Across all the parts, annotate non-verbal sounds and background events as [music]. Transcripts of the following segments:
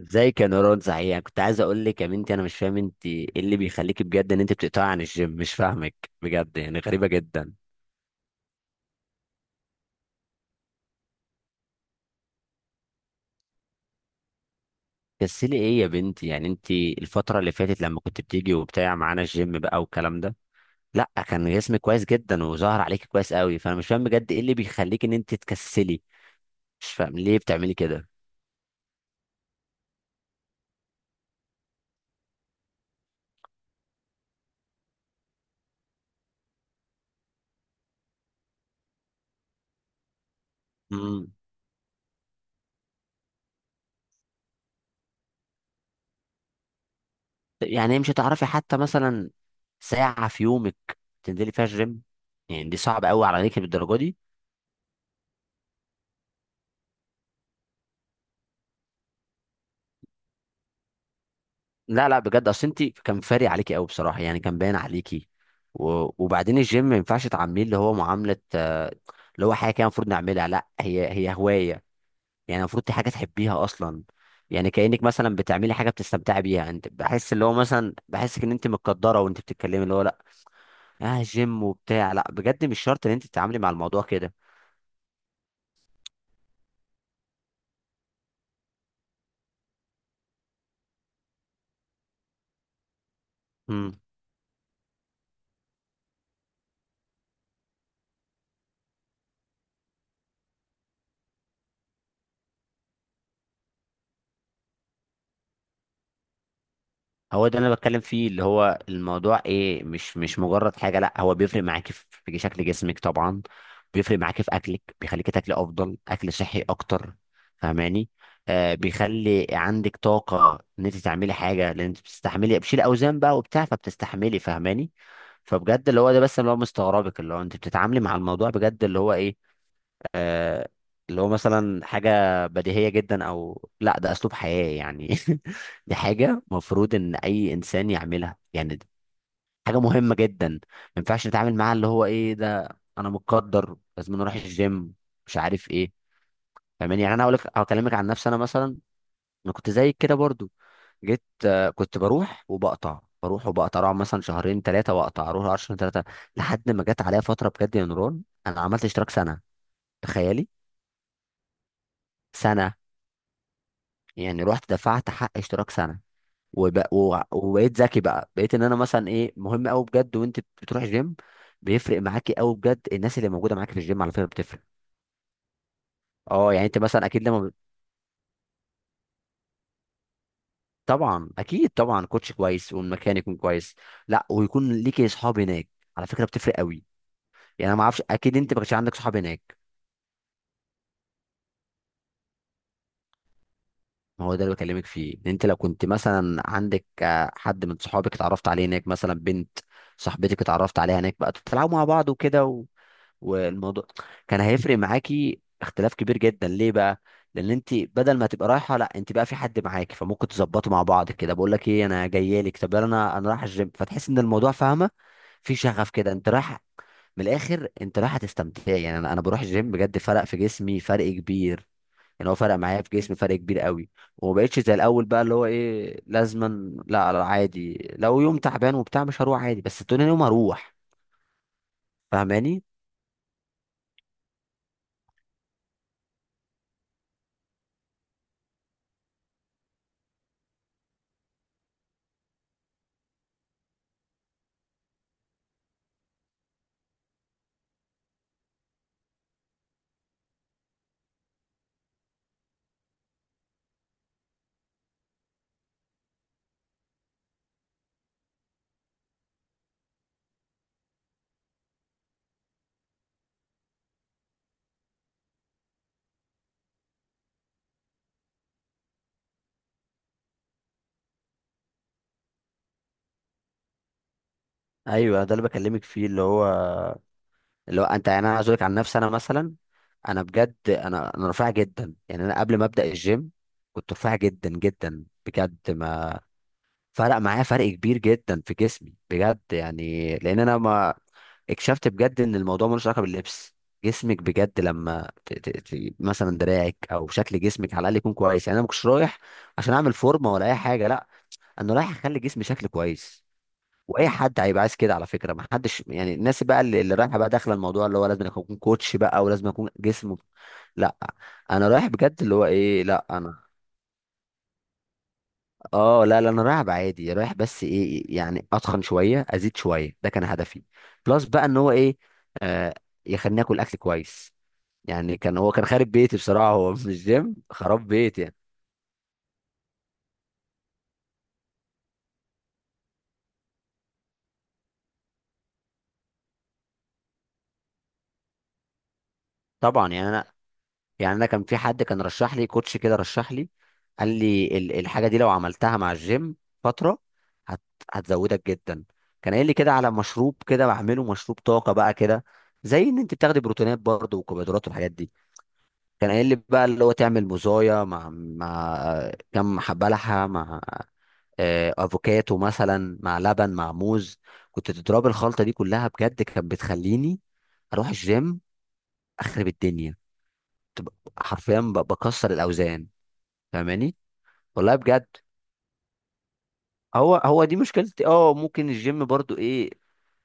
ازاي كنورات؟ صحيح، يعني كنت عايز اقول لك يا بنتي، انا مش فاهم انت ايه اللي بيخليك بجد ان انت بتقطعي عن الجيم. مش فاهمك بجد، يعني غريبه جدا. كسلي ايه يا بنتي؟ يعني انت الفتره اللي فاتت لما كنت بتيجي وبتاع معانا الجيم بقى والكلام ده، لا، كان جسمك كويس جدا وظهر عليك كويس قوي، فانا مش فاهم بجد ايه اللي بيخليك ان انت تكسلي. مش فاهم ليه بتعملي كده. امم. يعني مش هتعرفي حتى مثلا ساعه في يومك تنزلي فيها الجيم؟ يعني دي صعبه قوي عليك بالدرجه دي؟ لا لا، بجد اصل انت كان فارق عليكي قوي بصراحه، يعني كان باين عليكي و... وبعدين الجيم ما ينفعش تعامليه اللي هو معامله، اللي هو حاجه كده المفروض نعملها، لا هي هي هوايه. يعني المفروض دي حاجه تحبيها اصلا. يعني كانك مثلا بتعملي حاجه بتستمتعي بيها، يعني انت بحس اللي هو مثلا بحسك ان انت متقدره وانت بتتكلمي اللي هو لا. اه جيم وبتاع، لا بجد مش شرط ان انت تتعاملي مع الموضوع كده. امم. هو ده اللي انا بتكلم فيه، اللي هو الموضوع ايه، مش مجرد حاجه، لا هو بيفرق معاكي في شكل جسمك طبعا. بيفرق معاكي في اكلك، بيخليكي تاكلي افضل اكل صحي اكتر. فاهماني؟ آه، بيخلي عندك طاقه ان انت تعملي حاجه لان انت بتستحملي، بتشيلي اوزان بقى وبتاع فبتستحملي. فاهماني؟ فبجد اللي هو ده بس، اللي هو مستغربك، اللي هو انت بتتعاملي مع الموضوع بجد اللي هو ايه؟ آه، اللي هو مثلا حاجة بديهية جدا، أو لا ده أسلوب حياة يعني. [laughs] دي حاجة مفروض إن أي إنسان يعملها، يعني دي حاجة مهمة جدا، ما ينفعش نتعامل معاها اللي هو إيه ده، أنا متقدر لازم أروح الجيم، مش عارف إيه. فاهماني؟ يعني أنا هقول لك، هكلمك عن نفسي أنا مثلا. أنا كنت زيك كده برضو. جيت، كنت بروح وبقطع، بروح وبقطع، اقعد مثلا شهرين ثلاثة وأقطع، أروح شهرين ثلاثة. لحد ما جت عليا فترة بجد يا نوران، أنا عملت اشتراك سنة. تخيلي. سنة. يعني رحت دفعت حق اشتراك سنه. وب... و... وبقيت ذكي بقى، بقيت ان انا مثلا ايه، مهم قوي بجد وانت بتروح الجيم. بيفرق معاكي قوي بجد. الناس اللي موجوده معاكي في الجيم على فكره بتفرق. اه يعني انت مثلا اكيد لما طبعا اكيد طبعا، كوتش كويس والمكان يكون كويس. لا، ويكون ليكي اصحاب هناك. على فكره بتفرق قوي. يعني انا ما اعرفش، اكيد انت ما كانش عندك صحاب هناك. ما هو ده اللي بكلمك فيه، إن انت لو كنت مثلا عندك حد من صحابك اتعرفت عليه هناك، مثلا بنت صاحبتك اتعرفت عليها هناك، بقى بتلعبوا مع بعض وكده. والموضوع كان هيفرق معاكي اختلاف كبير جدا. ليه بقى؟ لان انت بدل ما تبقى رايحه لا، انت بقى في حد معاكي، فممكن تظبطوا مع بعض كده، بقول لك ايه انا جايه لك، طب يلا انا رايح الجيم، فتحس ان الموضوع، فاهمه. في شغف كده انت رايح. من الاخر انت رايحه تستمتعي، يعني انا بروح الجيم بجد فرق في جسمي فرق كبير. يعني هو فرق معايا في جسمي فرق كبير قوي. وما بقتش زي الاول بقى اللي هو ايه لازما، لا لا، عادي لو يوم تعبان وبتاع مش هروح، عادي بس تاني يوم هروح. فاهماني؟ ايوه ده اللي بكلمك فيه، اللي هو انت، يعني انا عاوز اقول لك عن نفسي انا مثلا. انا بجد، انا رفيع جدا، يعني انا قبل ما ابدا الجيم كنت رفيع جدا جدا بجد. ما فرق معايا فرق كبير جدا في جسمي بجد، يعني لان انا ما اكتشفت بجد ان الموضوع ملوش علاقه باللبس. جسمك بجد لما مثلا دراعك او شكل جسمك على الاقل يكون كويس، يعني انا ما كنتش رايح عشان اعمل فورمه ولا اي حاجه، لا انا رايح اخلي جسمي شكل كويس. واي حد هيبقى عايز كده على فكره، ما حدش يعني، الناس بقى اللي رايحه بقى داخله الموضوع اللي هو لازم اكون كوتش بقى ولازم اكون جسمه، لا. انا رايح بجد اللي هو ايه، لا انا، اه لا لا، انا رايح عادي رايح، بس ايه يعني اتخن شويه ازيد شويه، ده كان هدفي. بلس بقى ان هو ايه، آه يخليني اكل اكل كويس. يعني كان هو كان خارب بيتي بصراحه، هو مش جيم، خراب بيتي يعني. طبعا يعني انا، يعني انا كان في حد كان رشح لي كوتش كده، رشح لي قال لي الحاجه دي لو عملتها مع الجيم فتره هت هتزودك جدا. كان قايل لي كده على مشروب كده بعمله، مشروب طاقه بقى كده، زي ان انت بتاخدي بروتينات برضه وكربوهيدرات والحاجات دي. كان قايل لي بقى اللي هو تعمل مزايا مع كم حبه لحمه، مع، افوكاتو مثلا، مع لبن، مع موز. كنت تضرب الخلطه دي كلها، بجد كانت بتخليني اروح الجيم اخرب الدنيا. تبقى- حرفيا بكسر الاوزان. فاهماني؟ والله بجد. هو هو دي مشكلتي، اه ممكن الجيم برضو ايه،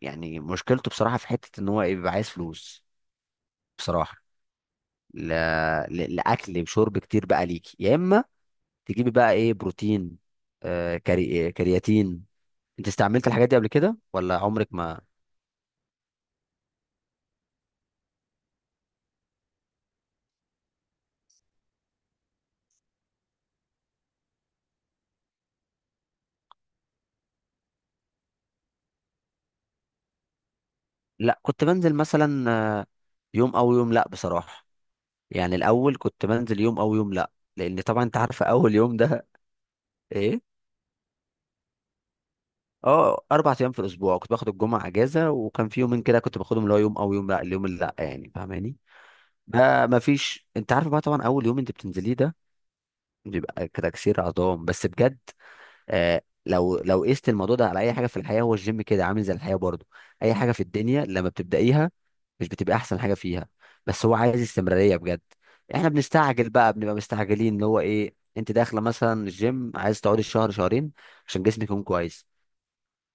يعني مشكلته بصراحه في حته ان هو ايه، بيبقى عايز فلوس. بصراحه. لا لاكل وشرب كتير بقى ليكي، يا اما تجيبي بقى ايه، بروتين، آه، كرياتين. انت استعملت الحاجات دي قبل كده ولا عمرك ما؟ لا كنت بنزل مثلا، آه، يوم او يوم لا بصراحه. يعني الاول كنت بنزل يوم او يوم لا، لان طبعا انت عارفه اول يوم ده. [laughs] ايه. اه 4 ايام في الاسبوع، كنت باخد الجمعه اجازه، وكان في يومين كده كنت باخدهم اللي هو يوم او يوم لا، اليوم اللي لا يعني. فاهماني؟ ده ما فيش، انت عارف بقى طبعا اول يوم انت بتنزليه ده بيبقى كتكسير عظام، بس بجد آه، لو قست الموضوع ده على اي حاجه في الحياه، هو الجيم كده عامل زي الحياه برضو. اي حاجه في الدنيا لما بتبدايها مش بتبقى احسن حاجه فيها. بس هو عايز استمراريه بجد. احنا بنستعجل بقى، بنبقى مستعجلين، اللي هو ايه، انت داخله مثلا الجيم عايز تقعدي شهر شهرين عشان جسمك يكون كويس،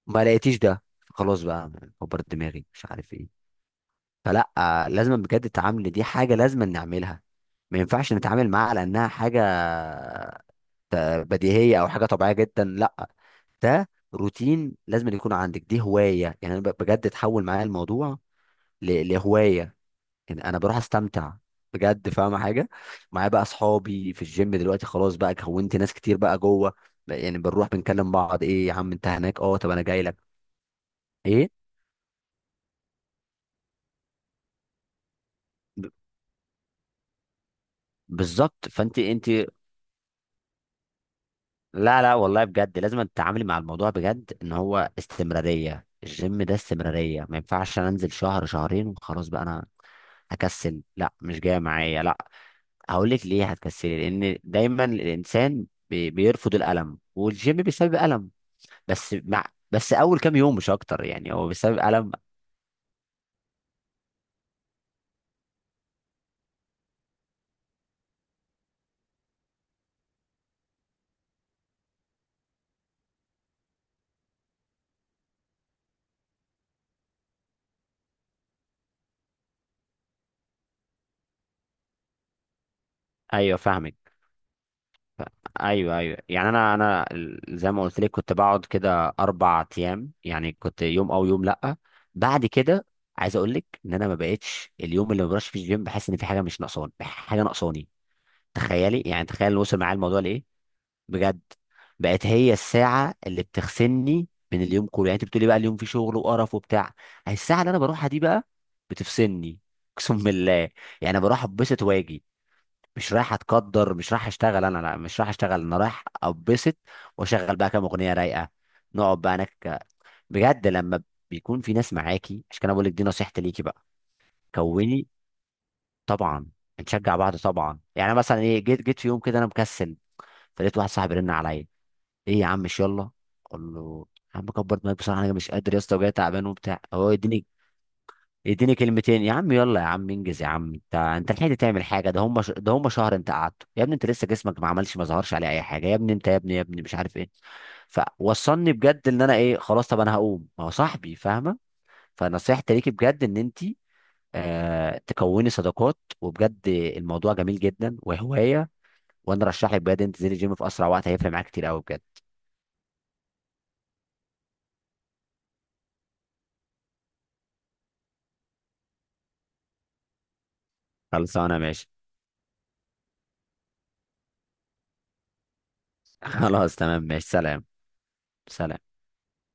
ما لقيتيش ده، خلاص بقى، كبر دماغي مش عارف ايه. فلا، لازم بجد، التعامل دي حاجه لازم نعملها، ما ينفعش نتعامل معاها على انها حاجه ت- بديهيه او حاجه طبيعيه جدا، لا، ده روتين لازم يكون عندك، دي هوايه. يعني انا بجد اتحول معايا الموضوع لهوايه، يعني انا بروح استمتع بجد، فاهمه حاجه؟ معايا بقى اصحابي في الجيم دلوقتي، خلاص بقى كونت ناس كتير بقى جوه. يعني بنروح بنكلم بعض، ايه يا عم انت هناك؟ اه طب انا جاي لك. ايه؟ بالظبط، فانت. لا لا والله بجد، لازم تتعاملي مع الموضوع بجد ان هو استمراريه، الجيم ده استمراريه، ما ينفعش انا انزل شهر شهرين وخلاص بقى انا هكسل لا، مش جايه معايا لا. هقول لك ليه هتكسلي، لان دايما الانسان بيرفض الالم، والجيم بيسبب الم. بس مع بس اول كام يوم مش اكتر، يعني هو بيسبب الم. ايوه فاهمك. ايوه ايوه، يعني انا زي ما قلت لك كنت بقعد كده 4 ايام، يعني كنت يوم او يوم لا. بعد كده، عايز اقول لك ان انا ما بقتش اليوم اللي ما بروحش فيه الجيم بحس ان في حاجه مش ناقصاني، حاجه ناقصاني. تخيلي، يعني تخيل اللي وصل معايا الموضوع لايه. بجد. بقت هي الساعه اللي بتغسلني من اليوم كله، يعني انت بتقولي بقى اليوم فيه شغل وقرف وبتاع، هي الساعه اللي انا بروحها دي بقى بتفصلني. [laughs] اقسم بالله. يعني بروح اتبسط واجي. مش رايح اتقدر، مش رايح اشتغل انا، لا مش رايح اشتغل، انا رايح اتبسط واشغل بقى كام اغنيه رايقه، نقعد بقى هناك. بجد لما بيكون في ناس معاكي عشان كده بقول لك دي نصيحتي ليكي بقى، كوني، طبعا، نشجع بعض طبعا. يعني مثلا ايه، جيت في يوم كده انا مكسل، فلقيت واحد صاحبي رن عليا، ايه يا عم مش يلا، اقول له يا عم كبر دماغك بصراحه، انا مش قادر يا اسطى وجاي تعبان وبتاع، هو يديني، يديني كلمتين، يا عم يلا يا عم انجز يا عم، انت لحقت تعمل حاجه، ده هم شهر انت قعدته يا ابني، انت لسه جسمك ما عملش ما ظهرش عليه اي حاجه يا ابني، انت يا ابني يا ابني مش عارف ايه. فوصلني بجد ان انا ايه، خلاص طب انا هقوم، ما هو صاحبي، فاهمه؟ فنصيحتي ليكي بجد، ان انت تكوني صداقات، وبجد الموضوع جميل جدا وهوايه، وانا رشح لك بجد انت تنزلي الجيم في اسرع وقت، هيفرق معاك كتير قوي بجد. خلصانه؟ ماشي. [laughs] خلاص تمام، ماشي سلام. سلام.